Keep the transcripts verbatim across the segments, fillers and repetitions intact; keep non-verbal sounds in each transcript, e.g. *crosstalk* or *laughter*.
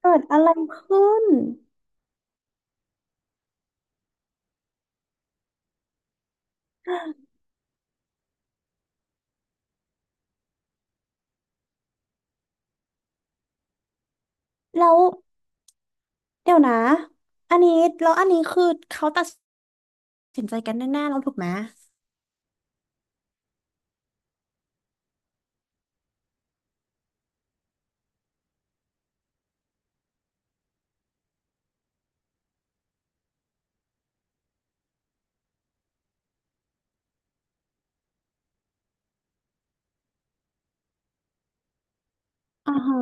เกิดอะไรขึ้นแล้วเดี๋ยวนะอันนี้แล้วอันนี้คือเขาตัดสินใจกันแน่ๆแล้วถูกไหมอ่าฮะ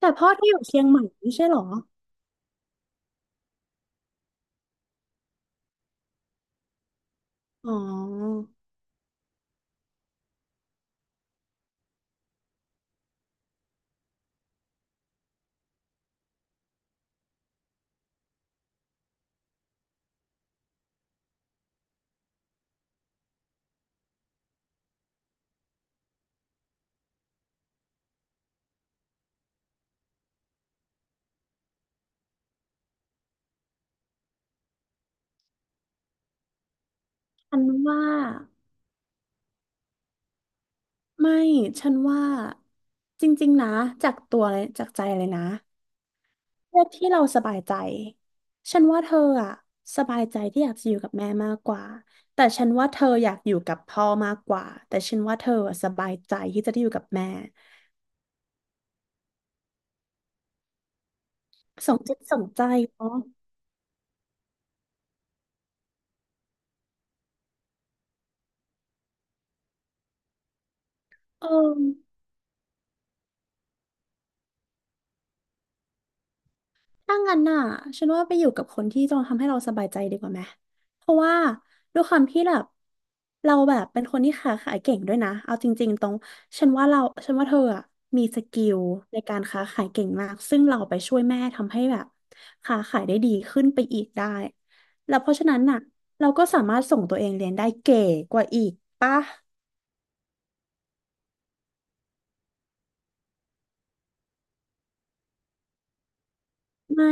แต่พ่อที่อยู่เชียงใหม่ไม่ใช่เหรออ๋อฉันว่าไม่ฉันว่าจริงๆนะจากตัวเลยจากใจเลยนะเลือกที่เราสบายใจฉันว่าเธออะสบายใจที่อยากจะอยู่กับแม่มากกว่าแต่ฉันว่าเธออยากอยู่กับพ่อมากกว่าแต่ฉันว่าเธออะสบายใจที่จะได้อยู่กับแม่ สมจิตสมใจเนาะเออถ้างั้นน่ะฉันว่าไปอยู่กับคนที่จะทำให้เราสบายใจดีกว่าไหมเพราะว่าด้วยความที่แบบเราแบบเป็นคนที่ค้าขายเก่งด้วยนะเอาจริงๆตรงฉันว่าเราฉันว่าเธออะมีสกิลในการค้าขายเก่งมากซึ่งเราไปช่วยแม่ทำให้แบบค้าขายได้ดีขึ้นไปอีกได้แล้วเพราะฉะนั้นน่ะเราก็สามารถส่งตัวเองเรียนได้เก๋กว่าอีกปะไม่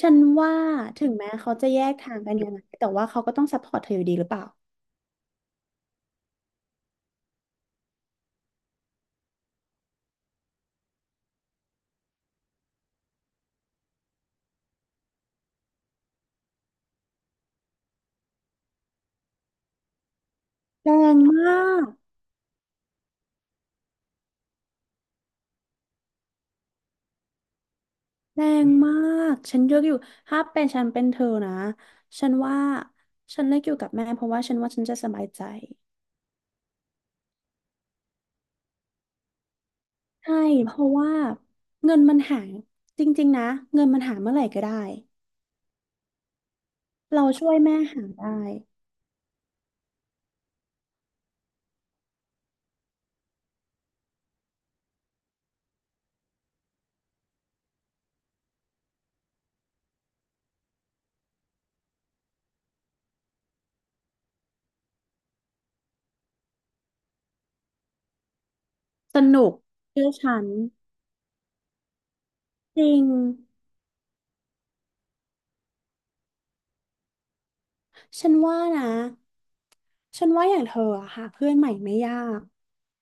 ฉันว่าถึงแม้เขาจะแยกทางกันยังไงแต่ว่าเขาก็ต้องซัพพอร์ตเธออยู่ดีหรือเปล่าแรงมากแรงมากฉันเลือกอยู่ถ้าเป็นฉันเป็นเธอนะฉันว่าฉันเลือกอยู่กับแม่เพราะว่าฉันว่าฉันจะสบายใจใช่เพราะว่าเงินมันหาจริงๆนะเงินมันหาเมื่อไหร่ก็ได้เราช่วยแม่หาได้สนุกเชื่อฉันจริงฉันว่านะฉันว่าอย่างเธออะหาเพื่อนใหม่ไม่ยาก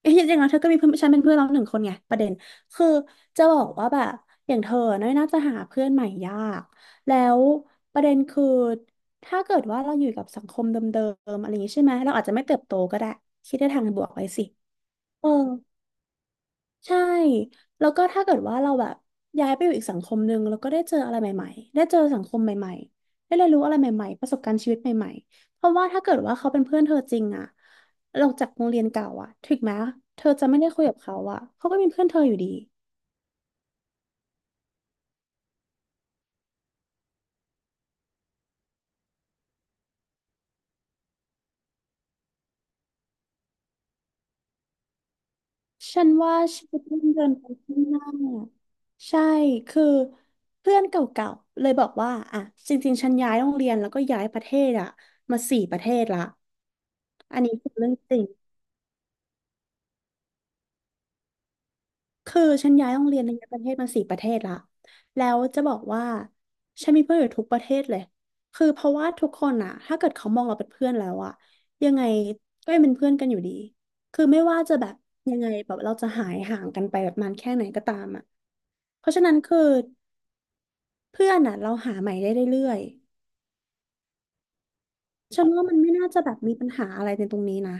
เอ้ยจริงๆแล้วเธอก็มีเพื่อนฉันเป็นเพื่อนเราหนึ่งคนไงประเด็นคือจะบอกว่าแบบอย่างเธอน่ยน่าจะหาเพื่อนใหม่ยากแล้วประเด็นคือถ้าเกิดว่าเราอยู่กับสังคมเดิมๆอะไรอย่างนี้ใช่ไหมเราอาจจะไม่เติบโตก็ได้คิดในทางบวกไว้สิเออ ใช่แล้วก็ถ้าเกิดว่าเราแบบย้ายไปอยู่อีกสังคมหนึ่งแล้วก็ได้เจออะไรใหม่ๆได้เจอสังคมใหม่ๆได้เรียนรู้อะไรใหม่ๆประสบการณ์ชีวิตใหม่ๆ เพราะว่าถ้าเกิดว่าเขาเป็นเพื่อนเธอจริงอะเราจากโรงเรียนเก่าอะถึงแม้เธอจะไม่ได้คุยกับเขาอะเขาก็เป็นเพื่อนเธออยู่ดีฉันว่าชีวิตมันเดินไปข้างหน้าใช่ คือเพื่อนเก่าๆเลยบอกว่าอ่ะจริงๆฉันย้ายโรงเรียนแล้วก็ย้ายประเทศอะมาสี่ประเทศละอันนี้คือเรื่องจริง คือฉันย้ายโรงเรียนในประเทศมาสี่ประเทศละแล้วจะบอกว่าฉันมีเพื่อนอยู่ทุกประเทศเลย คือเพราะว่าทุกคนอะถ้าเกิดเขามองเราเป็นเพื่อนแล้วอะยังไงก็ยังเป็นเพื่อนกันอยู่ดี คือไม่ว่าจะแบบยังไงแบบเราจะหายห่างกันไปแบบนานแค่ไหนก็ตามอะเพราะฉะนั้นคือเพื่อนอะเราหาใหม่ได้เรื่อยๆฉันว่ามันไม่น่าจะแบบมีปัญหาอะไรในตรงนี้นะ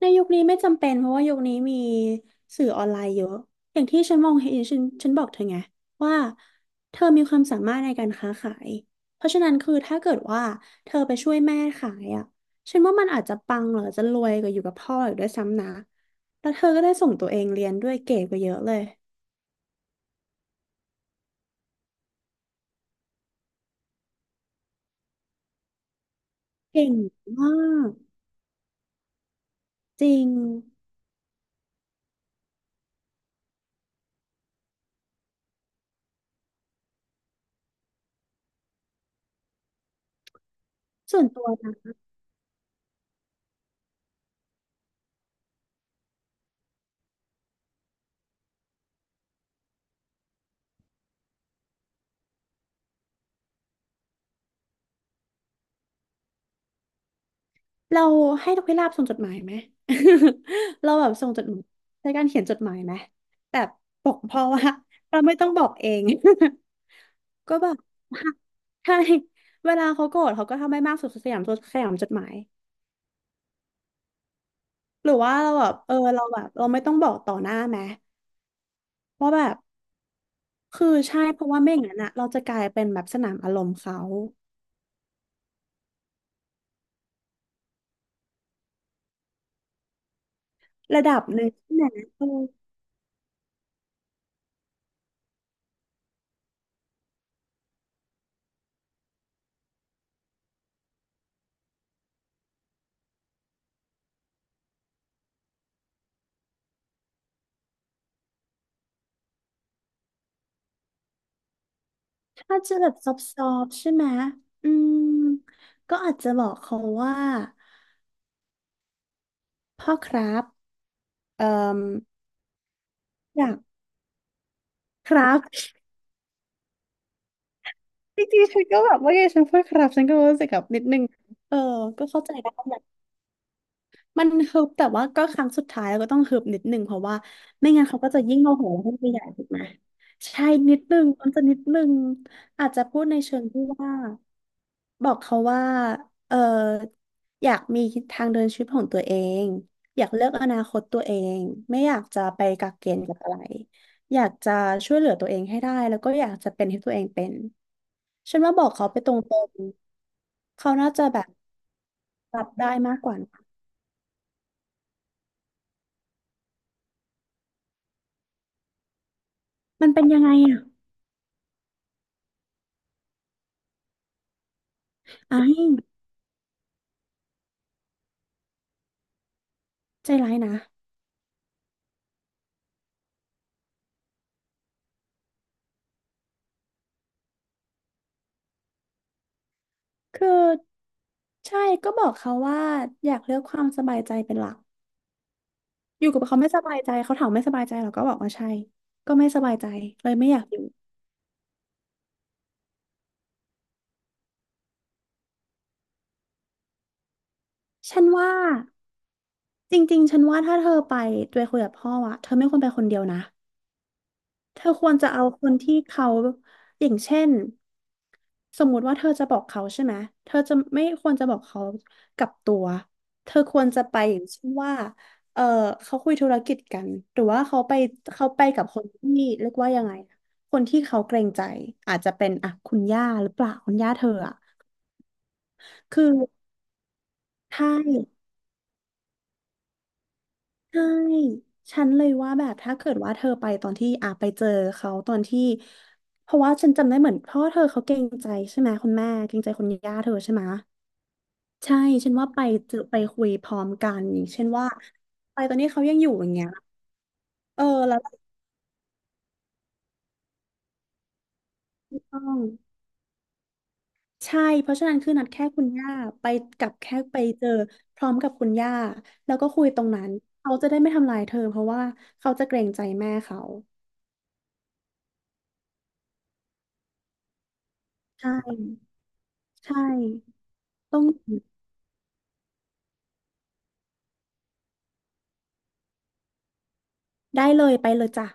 ในยุคนี้ไม่จำเป็นเพราะว่ายุคนี้มีสื่อออนไลน์เยอะอย่างที่ฉันมองเห็นฉันฉันบอกเธอไงว่าเธอมีความสามารถในการค้าขายเพราะฉะนั้นคือถ้าเกิดว่าเธอไปช่วยแม่ขายอ่ะฉันว่ามันอาจจะปังหรือจะรวยกว่าอยู่กับพ่ออีกด้วยซ้ำนะแล้วเธอก็ได้ส่งตัวเองเรียนด้วยเก่งกว่าเยอะเลยเก่งมากจริงส่วนตัวนะ เราให้นกพิราบส่งจดหมายไหม *laughs* เราแบบส่งจดหมายใช้การเขียนจดหมายไหมแบบบอกพ่อว่า *laughs* เราไม่ต้องบอกเอง *laughs* ก็แบบ *laughs* ใช่เวลาเขาโกรธเขาก็ทำให้มากสุดสยามสุดสยามจดหมาย หรือว่าเราแบบเออเราแบบเราไม่ต้องบอกต่อหน้าไหมว่าแบบคือใช่เพราะว่าไม่อย่างนั้นอะเราจะกลายเป็นแบบสนามอารมณ์เขาระดับหนึ่งใช่ไหมเออถ้าจะแบบซอบๆใช่ไหมอืมก็อาจจะบอกเขาว่า พ่อครับเอ่ออยากครับจริงๆฉันก็แบบว่าไงฉันพูดครับฉันก็รู้สึกแบบนิดนึงเออก็เข้าใจได้แบบมันฮึบแต่ว่าก็ครั้งสุดท้ายเราก็ต้องฮึบนิดนึงเพราะว่าไม่งั้นเขาก็จะยิ่งโมโหขึ้นไปใหญ่ถูกไหมใช่นิดนึงมันจะนิดนึงอาจจะพูดในเชิงที่ว่า บอกเขาว่าเอออยากมีทางเดินชีวิตของตัวเองอยากเลือกอนาคตตัวเองไม่อยากจะไปกักเกณฑ์กับอะไรอยากจะช่วยเหลือตัวเองให้ได้แล้วก็อยากจะเป็นที่ตัวเองเป็นฉันว่าบอกเขาไปตรงๆเขาน่าจะแบบรับได้มากกว่านะมันเป็นยังไงอ่ะอ้ายใจร้ายนะคือใช่ก็บอกเขาว่าอยากเลือกความสบายใจเป็นหลักอยู่กับเขาไม่สบายใจเขาถามไม่สบายใจเราก็บอกว่าใช่ก็ไม่สบายใจเลยไม่อยากอยู่ ฉันว่าจริงๆฉันว่าถ้าเธอไปไปคุยกับพ่ออะเธอไม่ควรไปคนเดียวนะเธอควรจะเอาคนที่เขาอย่างเช่นสมมุติว่าเธอจะบอกเขาใช่ไหมเธอจะไม่ควรจะบอกเขากับตัวเธอควรจะไปอย่างเช่นว่าเออเขาคุยธุรกิจกันหรือว่าเขาไปเขาไปกับคนที่เรียกว่ายังไงคนที่เขาเกรงใจอาจจะเป็นอ่ะคุณย่าหรือเปล่าคุณย่าเธออะคือใช่ ใช่ฉันเลยว่าแบบถ้าเกิดว่าเธอไปตอนที่อ่ะไปเจอเขาตอนที่เพราะว่าฉันจำได้เหมือนพ่อเธอเขาเกรงใจใช่ไหมคุณแม่เกรงใจคุณย่าเธอใช่ไหมใช่ฉันว่าไปเจอไปคุยพร้อมกันอย่างเช่นว่าไปตอนนี้เขายังอยู่อย่างเงี้ยเออแล้วก็ต้องใช่เพราะฉะนั้นคือนัดแค่คุณย่าไปกับแค่ไปเจอพร้อมกับคุณย่าแล้วก็คุยตรงนั้นเขาจะได้ไม่ทำรายเธอเพราะว่าเขาจะเกรงใจแม่เขาใช่ใช่ต้องได้เลยไปเลยจ้ะ